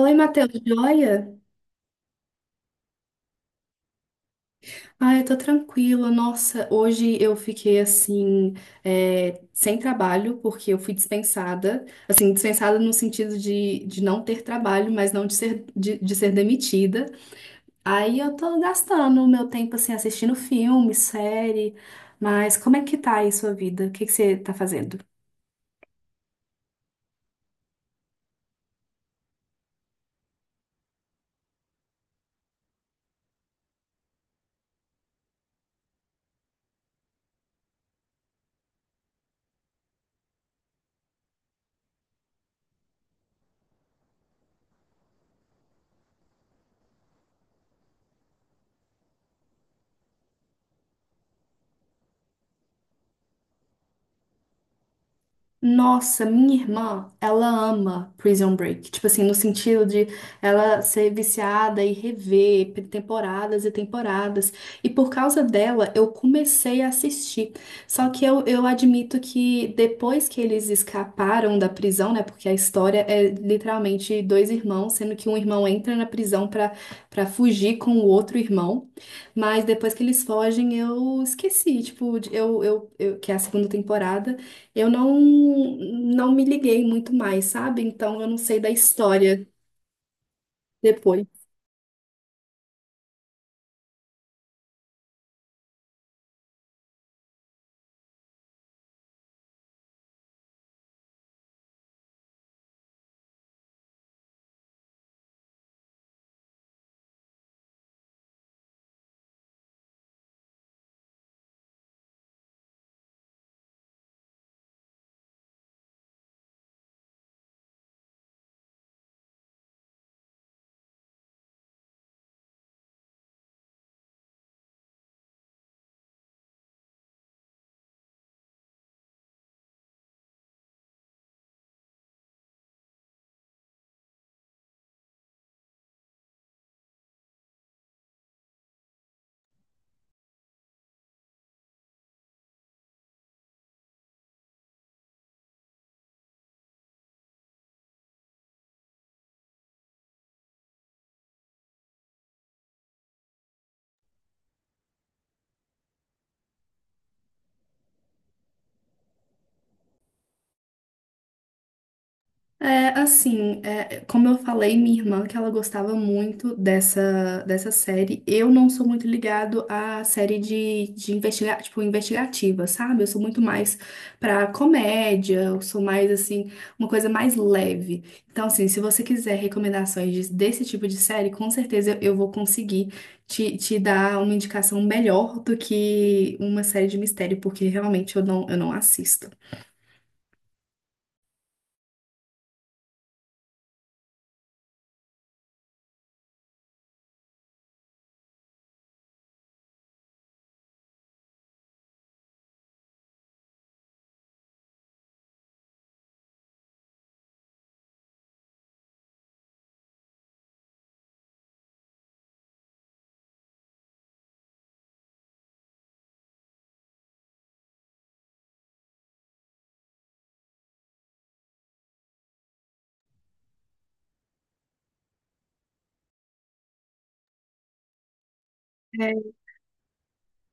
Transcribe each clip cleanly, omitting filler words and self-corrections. Oi, Matheus, joia? Ah, eu tô tranquila. Nossa, hoje eu fiquei assim, sem trabalho, porque eu fui dispensada. Assim, dispensada no sentido de não ter trabalho, mas não de ser, de ser demitida. Aí eu tô gastando o meu tempo, assim, assistindo filme, série. Mas como é que tá aí sua vida? O que que você tá fazendo? Nossa, minha irmã, ela ama Prison Break. Tipo assim, no sentido de ela ser viciada e rever temporadas e temporadas. E por causa dela, eu comecei a assistir. Só que eu admito que depois que eles escaparam da prisão, né? Porque a história é literalmente dois irmãos, sendo que um irmão entra na prisão pra fugir com o outro irmão. Mas depois que eles fogem, eu esqueci. Tipo, que é a segunda temporada. Eu não, Não me liguei muito mais, sabe? Então eu não sei da história depois. É, assim, é, como eu falei, minha irmã, que ela gostava muito dessa, dessa série, eu não sou muito ligado à série de investigativa, sabe? Eu sou muito mais pra comédia, eu sou mais, assim, uma coisa mais leve. Então, assim, se você quiser recomendações desse tipo de série, com certeza eu vou conseguir te dar uma indicação melhor do que uma série de mistério, porque realmente eu não assisto.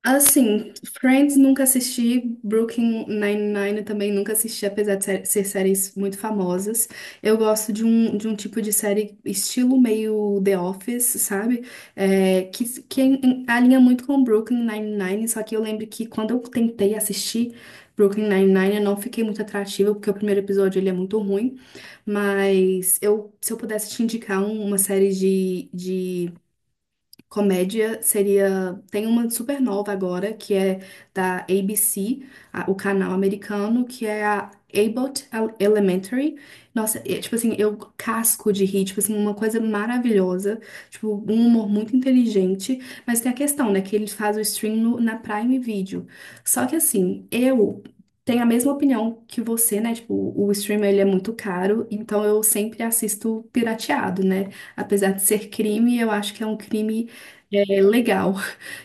Assim, Friends nunca assisti, Brooklyn Nine-Nine também nunca assisti, apesar de ser séries muito famosas. Eu gosto de de um tipo de série estilo meio The Office, sabe? É, alinha muito com Brooklyn Nine-Nine, só que eu lembro que quando eu tentei assistir Brooklyn Nine-Nine, eu não fiquei muito atrativa, porque o primeiro episódio ele é muito ruim. Mas eu, se eu pudesse te indicar uma série de comédia seria. Tem uma super nova agora, que é da ABC, o canal americano, que é a Elementary. Nossa, é, tipo assim, eu casco de rir, tipo assim, uma coisa maravilhosa. Tipo, um humor muito inteligente. Mas tem a questão, né, que ele faz o stream na Prime Video. Só que assim, eu tenho a mesma opinião que você, né? Tipo, o stream ele é muito caro, então eu sempre assisto pirateado, né? Apesar de ser crime, eu acho que é um crime é legal.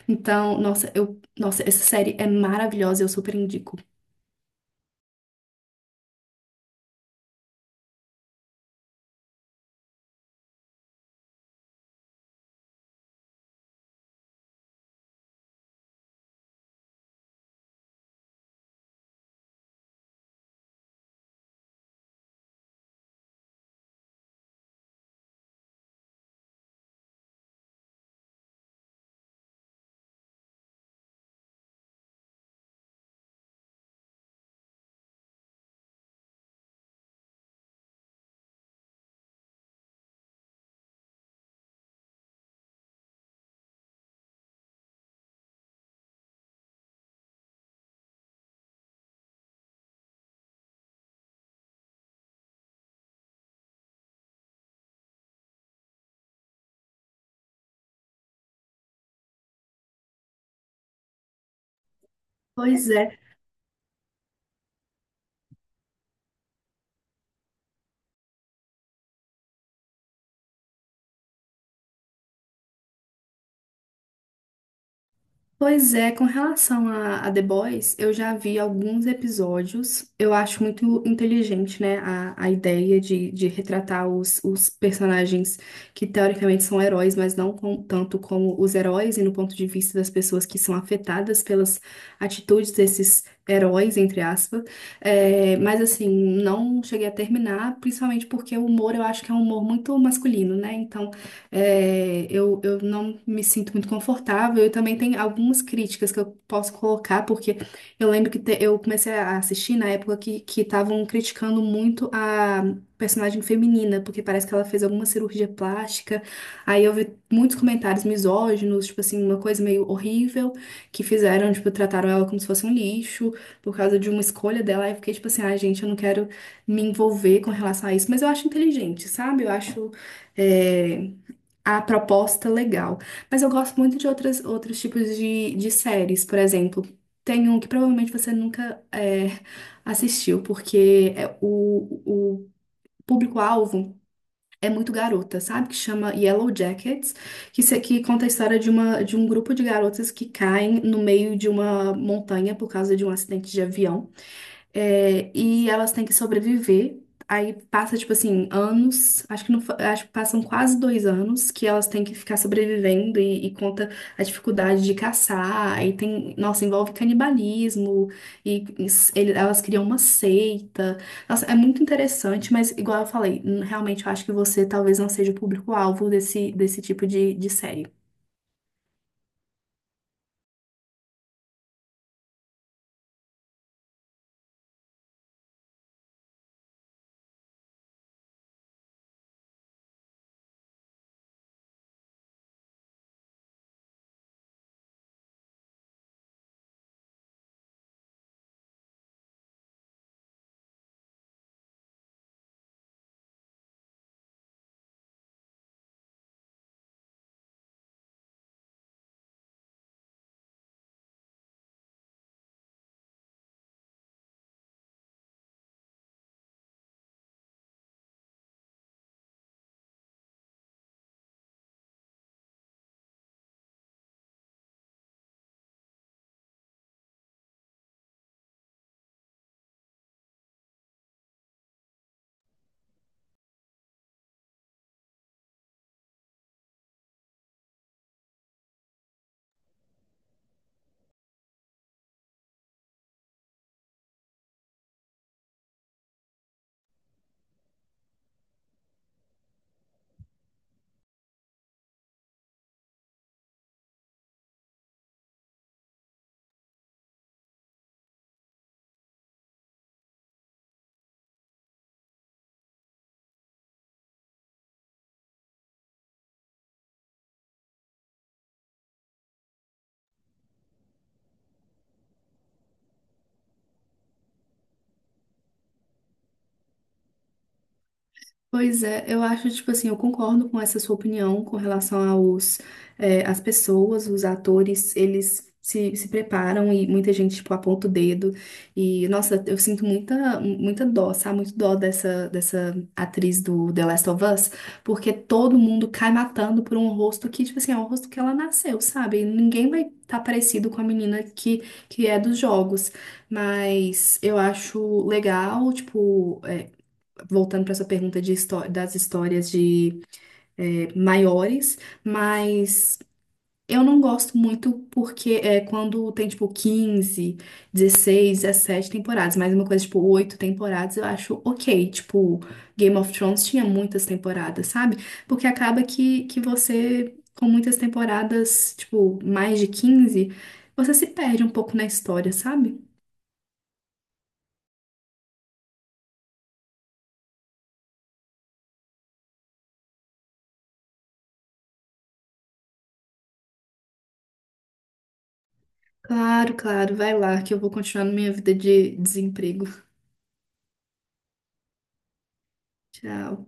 Então, nossa, essa série é maravilhosa, eu super indico. Pois é. Pois é, com relação a The Boys, eu já vi alguns episódios. Eu acho muito inteligente, né, a ideia de retratar os personagens que teoricamente são heróis, mas não com- tanto como os heróis, e no ponto de vista das pessoas que são afetadas pelas atitudes desses heróis, entre aspas. É, mas assim, não cheguei a terminar, principalmente porque o humor eu acho que é um humor muito masculino, né? Então, é, eu não me sinto muito confortável. E também tem algumas críticas que eu posso colocar, porque eu lembro que eu comecei a assistir na época que estavam criticando muito a personagem feminina, porque parece que ela fez alguma cirurgia plástica. Aí eu vi muitos comentários misóginos, tipo assim, uma coisa meio horrível, que fizeram, tipo, trataram ela como se fosse um lixo por causa de uma escolha dela. Aí eu fiquei tipo assim, ai, gente, eu não quero me envolver com relação a isso, mas eu acho inteligente, sabe? Eu acho. É, a proposta legal. Mas eu gosto muito de outras, outros tipos de séries, por exemplo. Tem um que provavelmente você nunca assistiu, porque é o público-alvo é muito garota, sabe? Que chama Yellow Jackets, que, se- que conta a história de um grupo de garotas que caem no meio de uma montanha por causa de um acidente de avião. É, e elas têm que sobreviver. Aí passa, tipo assim, anos, acho que não, fa- acho que passam quase 2 anos que elas têm que ficar sobrevivendo e conta a dificuldade de caçar. Aí tem, nossa, envolve canibalismo elas criam uma seita. Nossa, é muito interessante, mas igual eu falei, realmente eu acho que você talvez não seja o público-alvo desse, desse tipo de série. Pois é, eu acho, tipo assim, eu concordo com essa sua opinião com relação as pessoas, os atores, eles se, se preparam e muita gente, tipo, aponta o dedo. E, nossa, eu sinto muita, muita dó, sabe? Muito dó dessa, dessa atriz do The Last of Us, porque todo mundo cai matando por um rosto que, tipo assim, é um rosto que ela nasceu, sabe? E ninguém vai estar parecido com a menina que é dos jogos. Mas eu acho legal, tipo. É, voltando para essa pergunta de das histórias de eh, maiores, mas eu não gosto muito porque é quando tem tipo 15, 16, 17 temporadas, mas uma coisa tipo 8 temporadas eu acho ok. Tipo, Game of Thrones tinha muitas temporadas, sabe? Porque acaba que você, com muitas temporadas, tipo, mais de 15, você se perde um pouco na história, sabe? Claro, claro, vai lá que eu vou continuar na minha vida de desemprego. Tchau.